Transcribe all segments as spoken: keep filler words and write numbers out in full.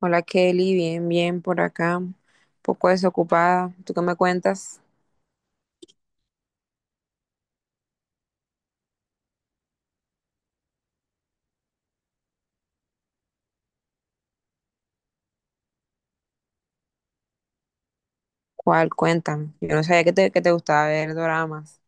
Hola Kelly, bien, bien por acá, un poco desocupada. ¿Tú qué me cuentas? ¿Cuál? Cuéntame. Yo no sabía que te, que te gustaba ver doramas.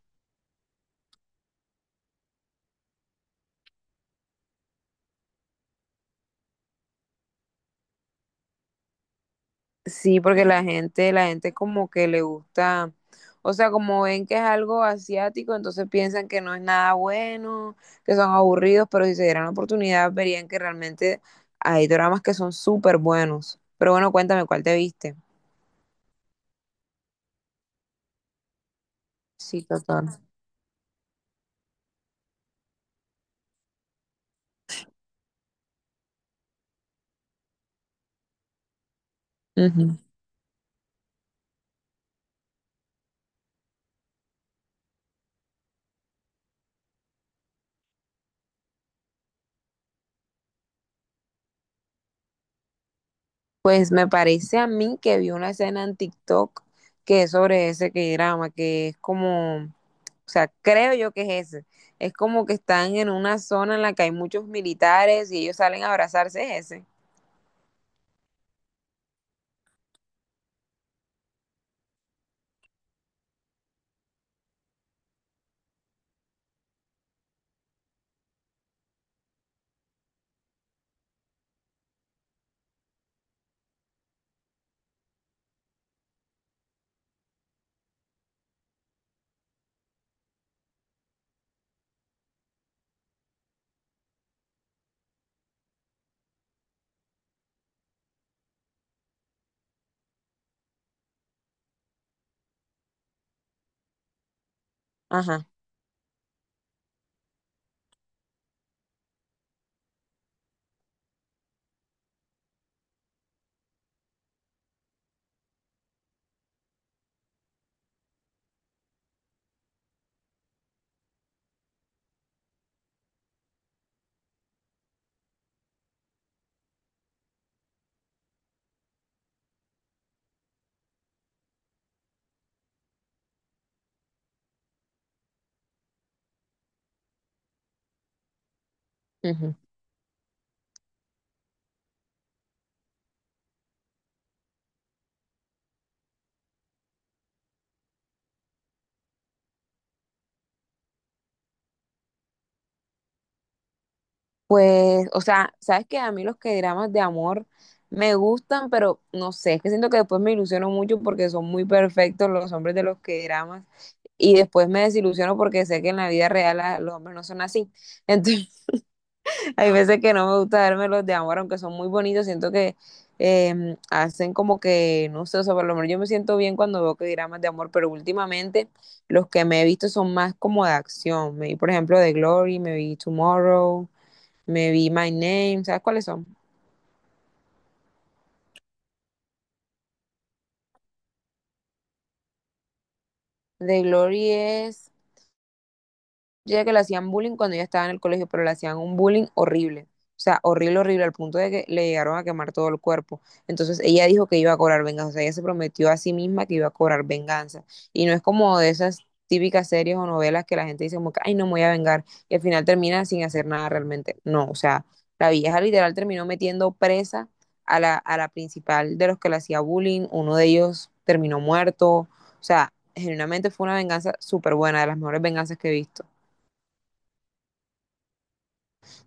Sí, porque la gente, la gente como que le gusta, o sea, como ven que es algo asiático, entonces piensan que no es nada bueno, que son aburridos, pero si se dieran la oportunidad verían que realmente hay doramas que son súper buenos. Pero bueno, cuéntame, ¿cuál te viste? Sí, total. Pues me parece a mí que vi una escena en TikTok que es sobre ese que drama, que es como, o sea, creo yo que es ese. Es como que están en una zona en la que hay muchos militares y ellos salen a abrazarse, es ese. Ajá. Ujú. Pues, o sea, sabes que a mí los que dramas de amor me gustan, pero no sé, es que siento que después me ilusiono mucho porque son muy perfectos los hombres de los que dramas y después me desilusiono porque sé que en la vida real a- los hombres no son así. Hay veces que no me gusta darme los de amor, aunque son muy bonitos, siento que eh, hacen como que, no sé, o sea, por lo menos yo me siento bien cuando veo que dramas de amor, pero últimamente los que me he visto son más como de acción. Me vi, por ejemplo, The Glory, me vi Tomorrow, me vi My Name, ¿sabes cuáles son? The Glory es. Yo decía que le hacían bullying cuando ella estaba en el colegio, pero le hacían un bullying horrible. O sea, horrible, horrible, al punto de que le llegaron a quemar todo el cuerpo. Entonces ella dijo que iba a cobrar venganza. O sea, ella se prometió a sí misma que iba a cobrar venganza. Y no es como de esas típicas series o novelas que la gente dice como que, ay, no me voy a vengar. Y al final termina sin hacer nada realmente. No, o sea, la vieja literal terminó metiendo presa a la, a la principal de los que le hacía bullying. Uno de ellos terminó muerto. O sea, genuinamente fue una venganza súper buena, de las mejores venganzas que he visto.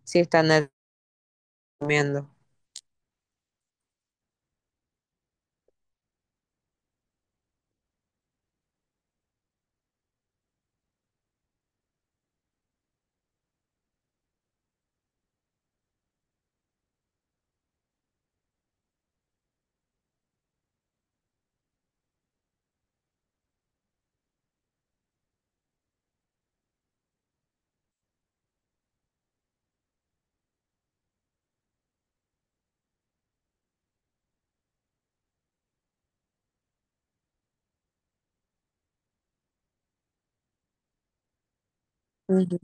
Si está en el- Ujú.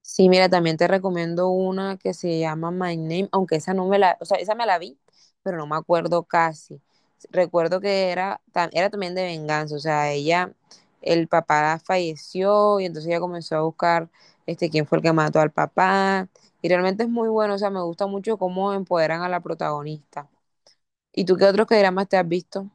Sí, mira, también te recomiendo una que se llama My Name, aunque esa no me la, o sea, esa me la vi, pero no me acuerdo casi. Recuerdo que era, ta- era también de venganza, o sea, ella, el papá falleció y entonces ella comenzó a buscar este, quién fue el que mató al papá. Y realmente es muy bueno, o sea, me gusta mucho cómo empoderan a la protagonista. ¿Y tú qué otros dramas te has visto?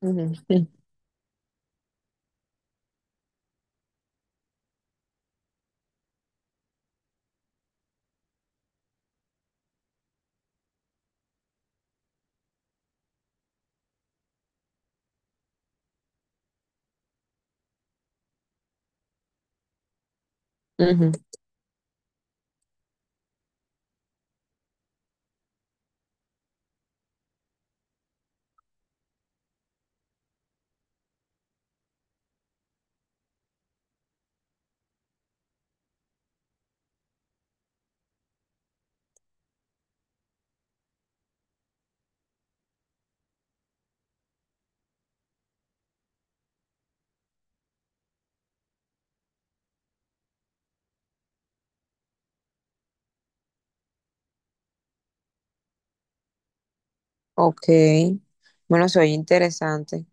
Ujú. Ujú. Ok, bueno, soy interesante.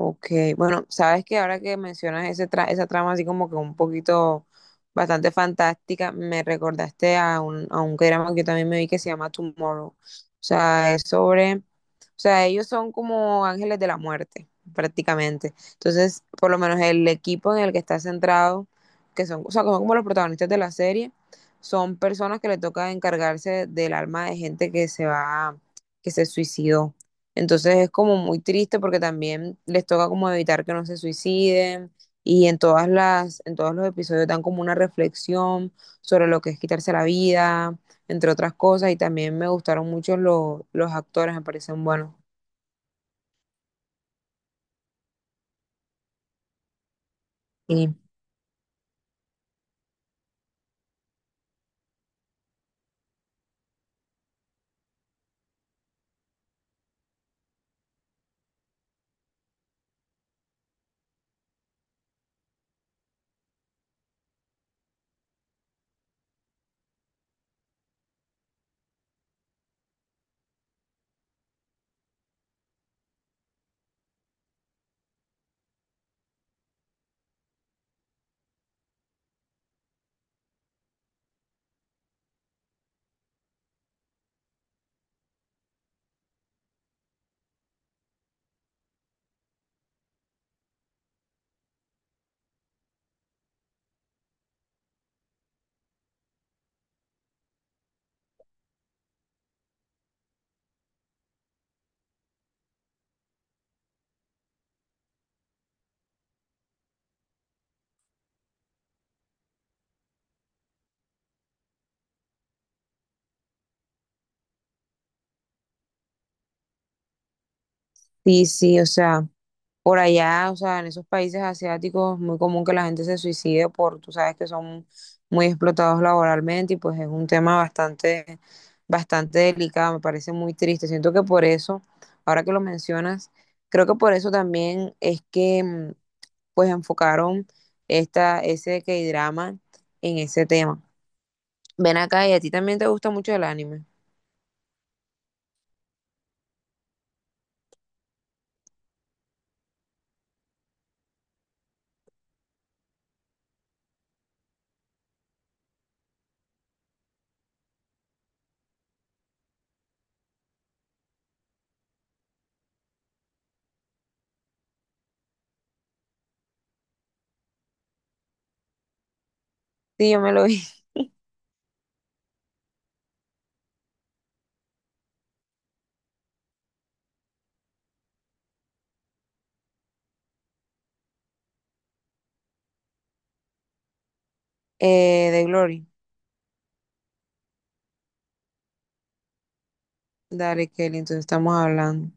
Ok, bueno, sabes que ahora que mencionas ese tra- esa trama así como que un poquito bastante fantástica, me recordaste a un, a un drama que yo también me vi que se llama Tomorrow. O sea, es sobre, o sea, ellos son como ángeles de la muerte, prácticamente. Entonces, por lo menos el equipo en el que está centrado, que son, o sea, que son como los protagonistas de la serie, son personas que le toca encargarse del alma de gente que se va, que se suicidó. Entonces es como muy triste porque también les toca como evitar que no se suiciden y en todas las, en todos los episodios dan como una reflexión sobre lo que es quitarse la vida, entre otras cosas, y también me gustaron mucho los, los actores, me parecen buenos. Sí, sí, sí, o sea, por allá, o sea, en esos países asiáticos muy común que la gente se suicide por, tú sabes que son muy explotados laboralmente y pues es un tema bastante, bastante delicado, me parece muy triste. Siento que por eso, ahora que lo mencionas, creo que por eso también es que mm, pues enfocaron esta, ese K-drama en ese tema. Ven acá y a ti también te gusta mucho el anime. Sí, yo me lo vi. Eh, de Glory. Dale, Kelly, entonces estamos hablando.